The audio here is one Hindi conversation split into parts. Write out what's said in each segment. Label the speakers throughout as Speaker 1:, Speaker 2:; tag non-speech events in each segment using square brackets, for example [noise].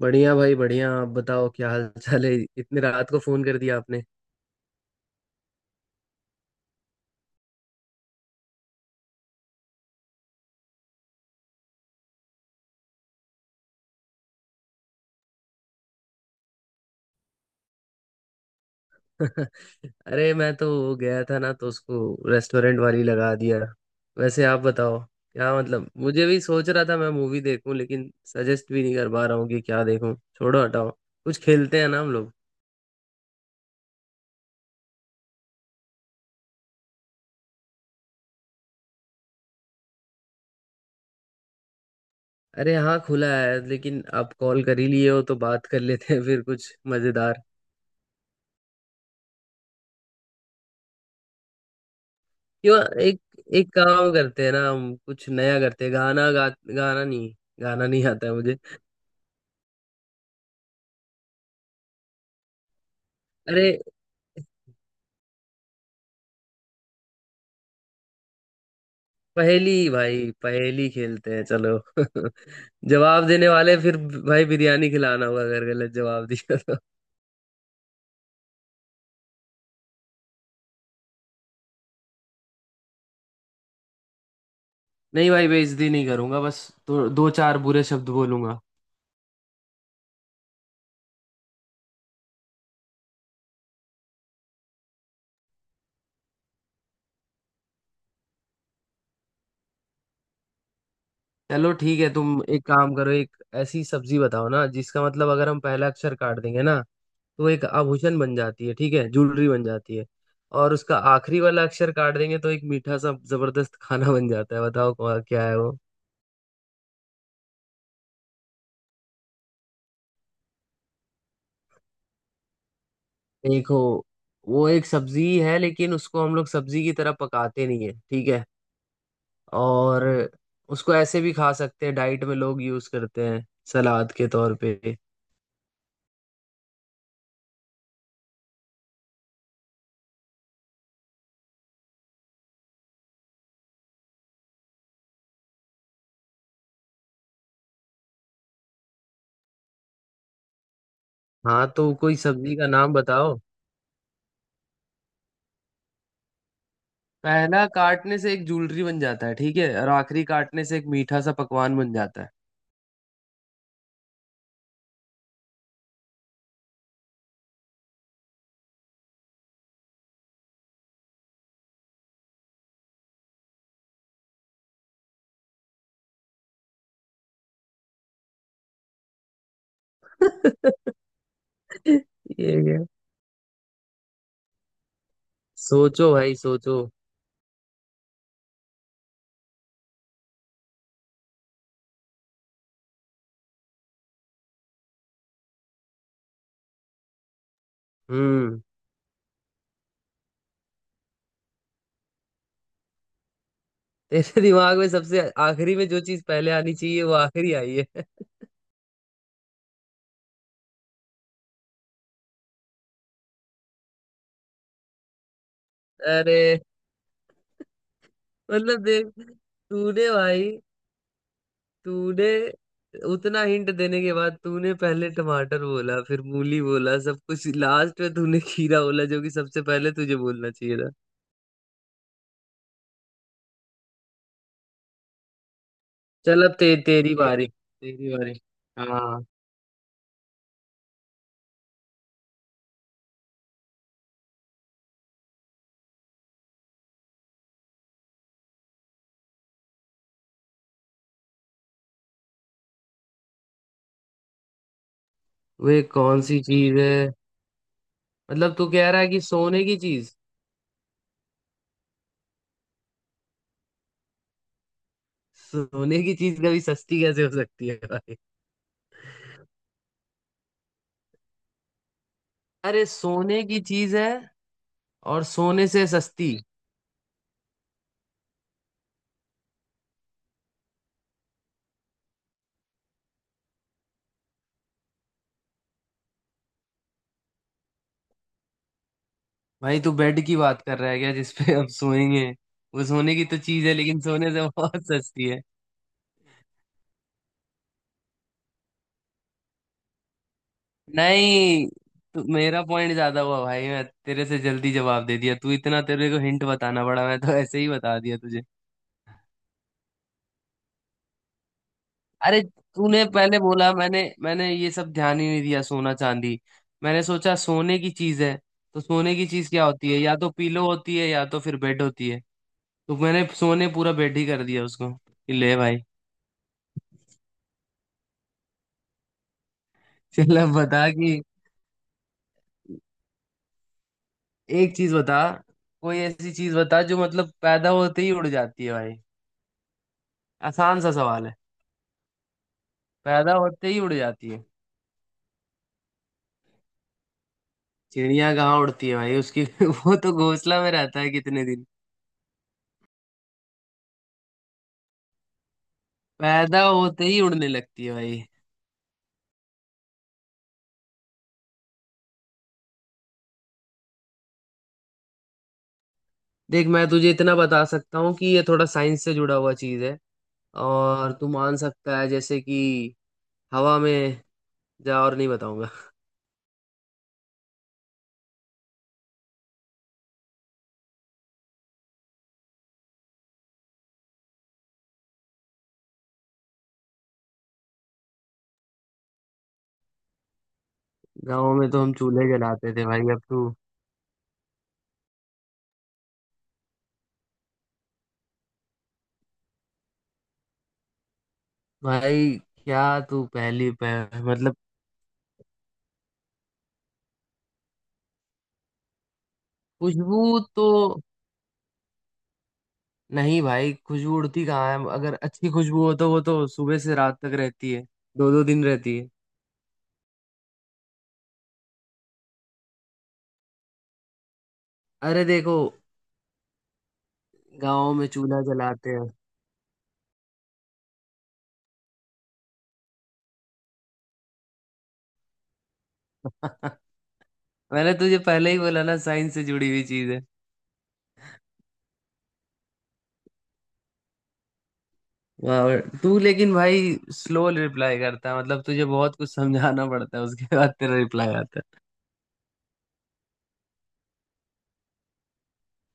Speaker 1: बढ़िया भाई बढ़िया। आप बताओ क्या हाल चाल है। इतनी रात को फोन कर दिया आपने। [laughs] अरे मैं तो गया था ना तो उसको रेस्टोरेंट वाली लगा दिया। वैसे आप बताओ क्या। मतलब मुझे भी सोच रहा था मैं मूवी देखूं लेकिन सजेस्ट भी नहीं कर पा रहा हूँ कि क्या देखूं। छोड़ो हटाओ, कुछ खेलते हैं ना हम लोग। अरे हाँ खुला है, लेकिन आप कॉल कर ही लिए हो तो बात कर लेते हैं। [laughs] फिर कुछ मजेदार। क्यों? एक एक काम करते हैं ना, हम कुछ नया करते हैं। गाना गा, गाना नहीं। गाना नहीं आता है मुझे। अरे पहेली भाई, पहेली खेलते हैं चलो। [laughs] जवाब देने वाले फिर भाई बिरयानी खिलाना होगा अगर गलत जवाब दिया तो। नहीं भाई बेइज्जती नहीं करूंगा, बस दो चार बुरे शब्द बोलूंगा। चलो ठीक है, तुम एक काम करो। एक ऐसी सब्जी बताओ ना जिसका मतलब अगर हम पहला अक्षर काट देंगे ना तो वो एक आभूषण बन जाती है, ठीक है, ज्वेलरी बन जाती है। और उसका आखिरी वाला अक्षर काट देंगे तो एक मीठा सा जबरदस्त खाना बन जाता है। बताओ क्या है। देखो वो एक सब्जी है लेकिन उसको हम लोग सब्जी की तरह पकाते नहीं है, ठीक है। और उसको ऐसे भी खा सकते हैं, डाइट में लोग यूज करते हैं, सलाद के तौर पे। हाँ तो कोई सब्जी का नाम बताओ। पहला काटने से एक जूलरी बन जाता है, ठीक है, और आखिरी काटने से एक मीठा सा पकवान बन जाता है। [laughs] ये क्या। सोचो भाई सोचो। हम्म, तेरे दिमाग में सबसे आखिरी में जो चीज पहले आनी चाहिए वो आखिरी आई है। [laughs] अरे मतलब देख, तूने भाई, तूने उतना हिंट देने के बाद तूने पहले टमाटर बोला, फिर मूली बोला, सब कुछ। लास्ट में तूने खीरा बोला, जो कि सबसे पहले तुझे बोलना चाहिए था। चल अब तेरी बारी, तेरी बारी। हाँ, वे कौन सी चीज है? मतलब तू कह रहा है कि सोने की चीज? सोने की चीज कभी सस्ती कैसे हो सकती है भाई? अरे सोने की चीज है और सोने से सस्ती। भाई तू बेड की बात कर रहा है क्या, जिसपे हम सोएंगे? वो सोने की तो चीज है लेकिन सोने से बहुत सस्ती है। नहीं, मेरा पॉइंट ज्यादा हुआ भाई, मैं तेरे से जल्दी जवाब दे दिया। तू इतना, तेरे को हिंट बताना पड़ा। मैं तो ऐसे ही बता दिया तुझे। अरे तूने पहले बोला, मैंने मैंने ये सब ध्यान ही नहीं दिया, सोना चांदी। मैंने सोचा सोने की चीज है, तो सोने की चीज क्या होती है, या तो पीलो होती है या तो फिर बेड होती है। तो मैंने सोने पूरा बेड ही कर दिया उसको कि ले भाई। चल अब बता कि एक चीज बता। कोई ऐसी चीज बता जो मतलब पैदा होते ही उड़ जाती है भाई। आसान सा सवाल है। पैदा होते ही उड़ जाती है। चिड़िया कहाँ उड़ती है भाई उसकी, [laughs] वो तो घोंसला में रहता है कितने दिन। पैदा होते ही उड़ने लगती है भाई। देख मैं तुझे इतना बता सकता हूँ कि ये थोड़ा साइंस से जुड़ा हुआ चीज है। और तू मान सकता है जैसे कि हवा में। जा और नहीं बताऊंगा। गाँव में तो हम चूल्हे जलाते थे भाई, अब तू भाई क्या तू मतलब खुशबू तो। नहीं भाई खुशबू उड़ती कहाँ है, अगर अच्छी खुशबू हो तो वो तो सुबह से रात तक रहती है, दो दो दिन रहती है। अरे देखो गाँव में चूल्हा जलाते हैं। [laughs] मैंने तुझे पहले ही बोला ना, साइंस से जुड़ी हुई चीज है। वाह, तू लेकिन भाई स्लो रिप्लाई करता है, मतलब तुझे बहुत कुछ समझाना पड़ता है, उसके बाद तेरा रिप्लाई आता है।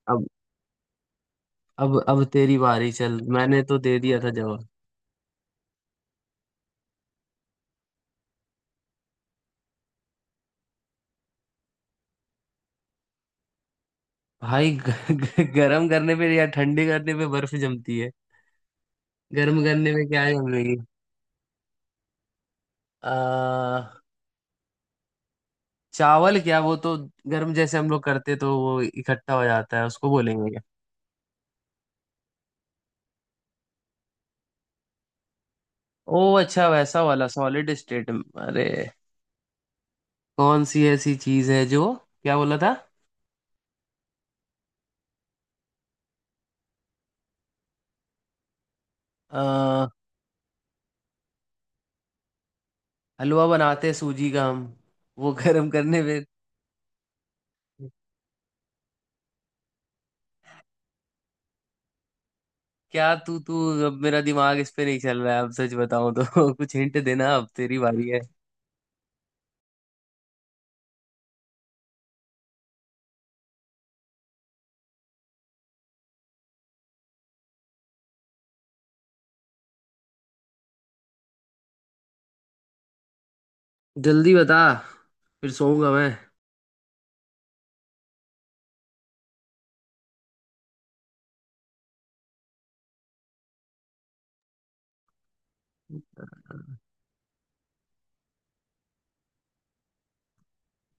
Speaker 1: अब, अब तेरी बारी। चल मैंने तो दे दिया था जवाब। भाई ग, ग, गर्म करने पे या ठंडी करने पे बर्फ जमती है। गर्म करने पे क्या जमेगी? आ, चावल, क्या वो तो गर्म जैसे हम लोग करते तो वो इकट्ठा हो जाता है, उसको बोलेंगे क्या? ओ अच्छा, वैसा वाला सॉलिड स्टेट। अरे कौन सी ऐसी चीज है जो, क्या बोला था? आ, हलवा बनाते हैं सूजी का हम, वो गर्म करने पे। क्या तू तू अब, मेरा दिमाग इस पे नहीं चल रहा है अब, सच बताऊं तो। [laughs] कुछ हिंट देना, अब तेरी बारी है। जल्दी बता, फिर सोऊंगा मैं।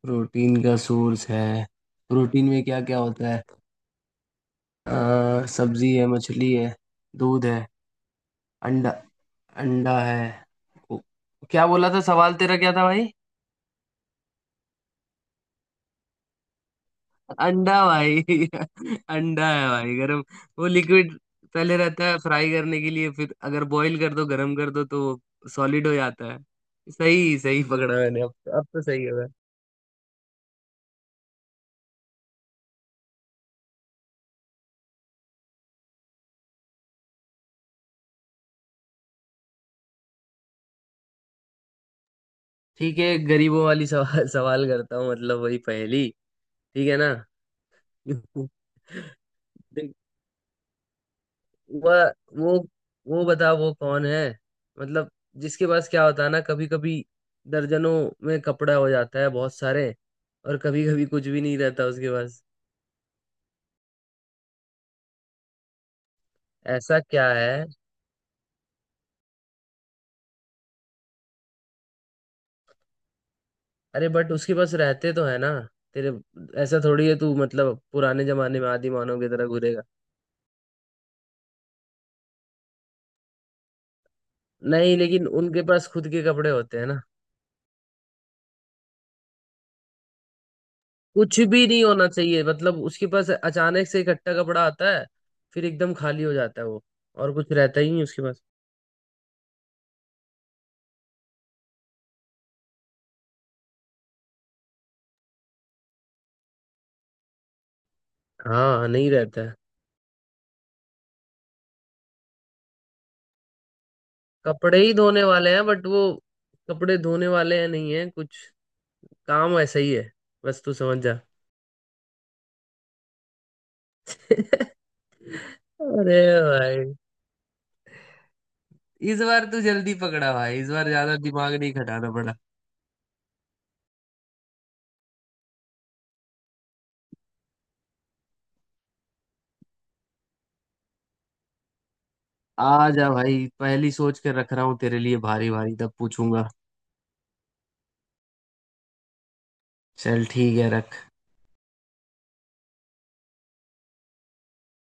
Speaker 1: प्रोटीन का सोर्स है? प्रोटीन में क्या क्या होता है, सब्जी है, मछली है, दूध है, अंडा। अंडा है? ओ, क्या बोला था सवाल तेरा, क्या था भाई? अंडा भाई, [laughs] अंडा है भाई। गरम, वो लिक्विड पहले रहता है फ्राई करने के लिए, फिर अगर बॉईल कर दो, गरम कर दो, तो सॉलिड हो जाता है। सही, सही पकड़ा मैंने। अब तो सही होगा। ठीक है गरीबों वाली सवाल सवाल करता हूँ, मतलब वही पहेली, ठीक है ना? [laughs] देख, वह वो वो बता, वो कौन है, मतलब जिसके पास क्या होता है ना, कभी कभी दर्जनों में कपड़ा हो जाता है बहुत सारे, और कभी कभी कुछ भी नहीं रहता उसके पास। ऐसा क्या है? अरे बट उसके पास रहते तो है ना तेरे। ऐसा थोड़ी है तू, मतलब पुराने जमाने में आदि मानव की तरह घूरेगा। नहीं लेकिन उनके पास खुद के कपड़े होते हैं ना। कुछ भी नहीं होना चाहिए मतलब उसके पास, अचानक से इकट्ठा कपड़ा आता है फिर एकदम खाली हो जाता है वो, और कुछ रहता ही नहीं उसके पास। हाँ नहीं रहता है। कपड़े ही धोने वाले हैं, बट वो कपड़े धोने वाले हैं, नहीं है कुछ। काम वैसा ही है, बस तू समझ जा। [laughs] अरे भाई, इस बार तू जल्दी पकड़ा भाई, इस बार ज्यादा दिमाग नहीं खटाना पड़ा। आ जा भाई, पहली सोच के रख रहा हूँ तेरे लिए, भारी भारी तब पूछूंगा। चल ठीक है, रख।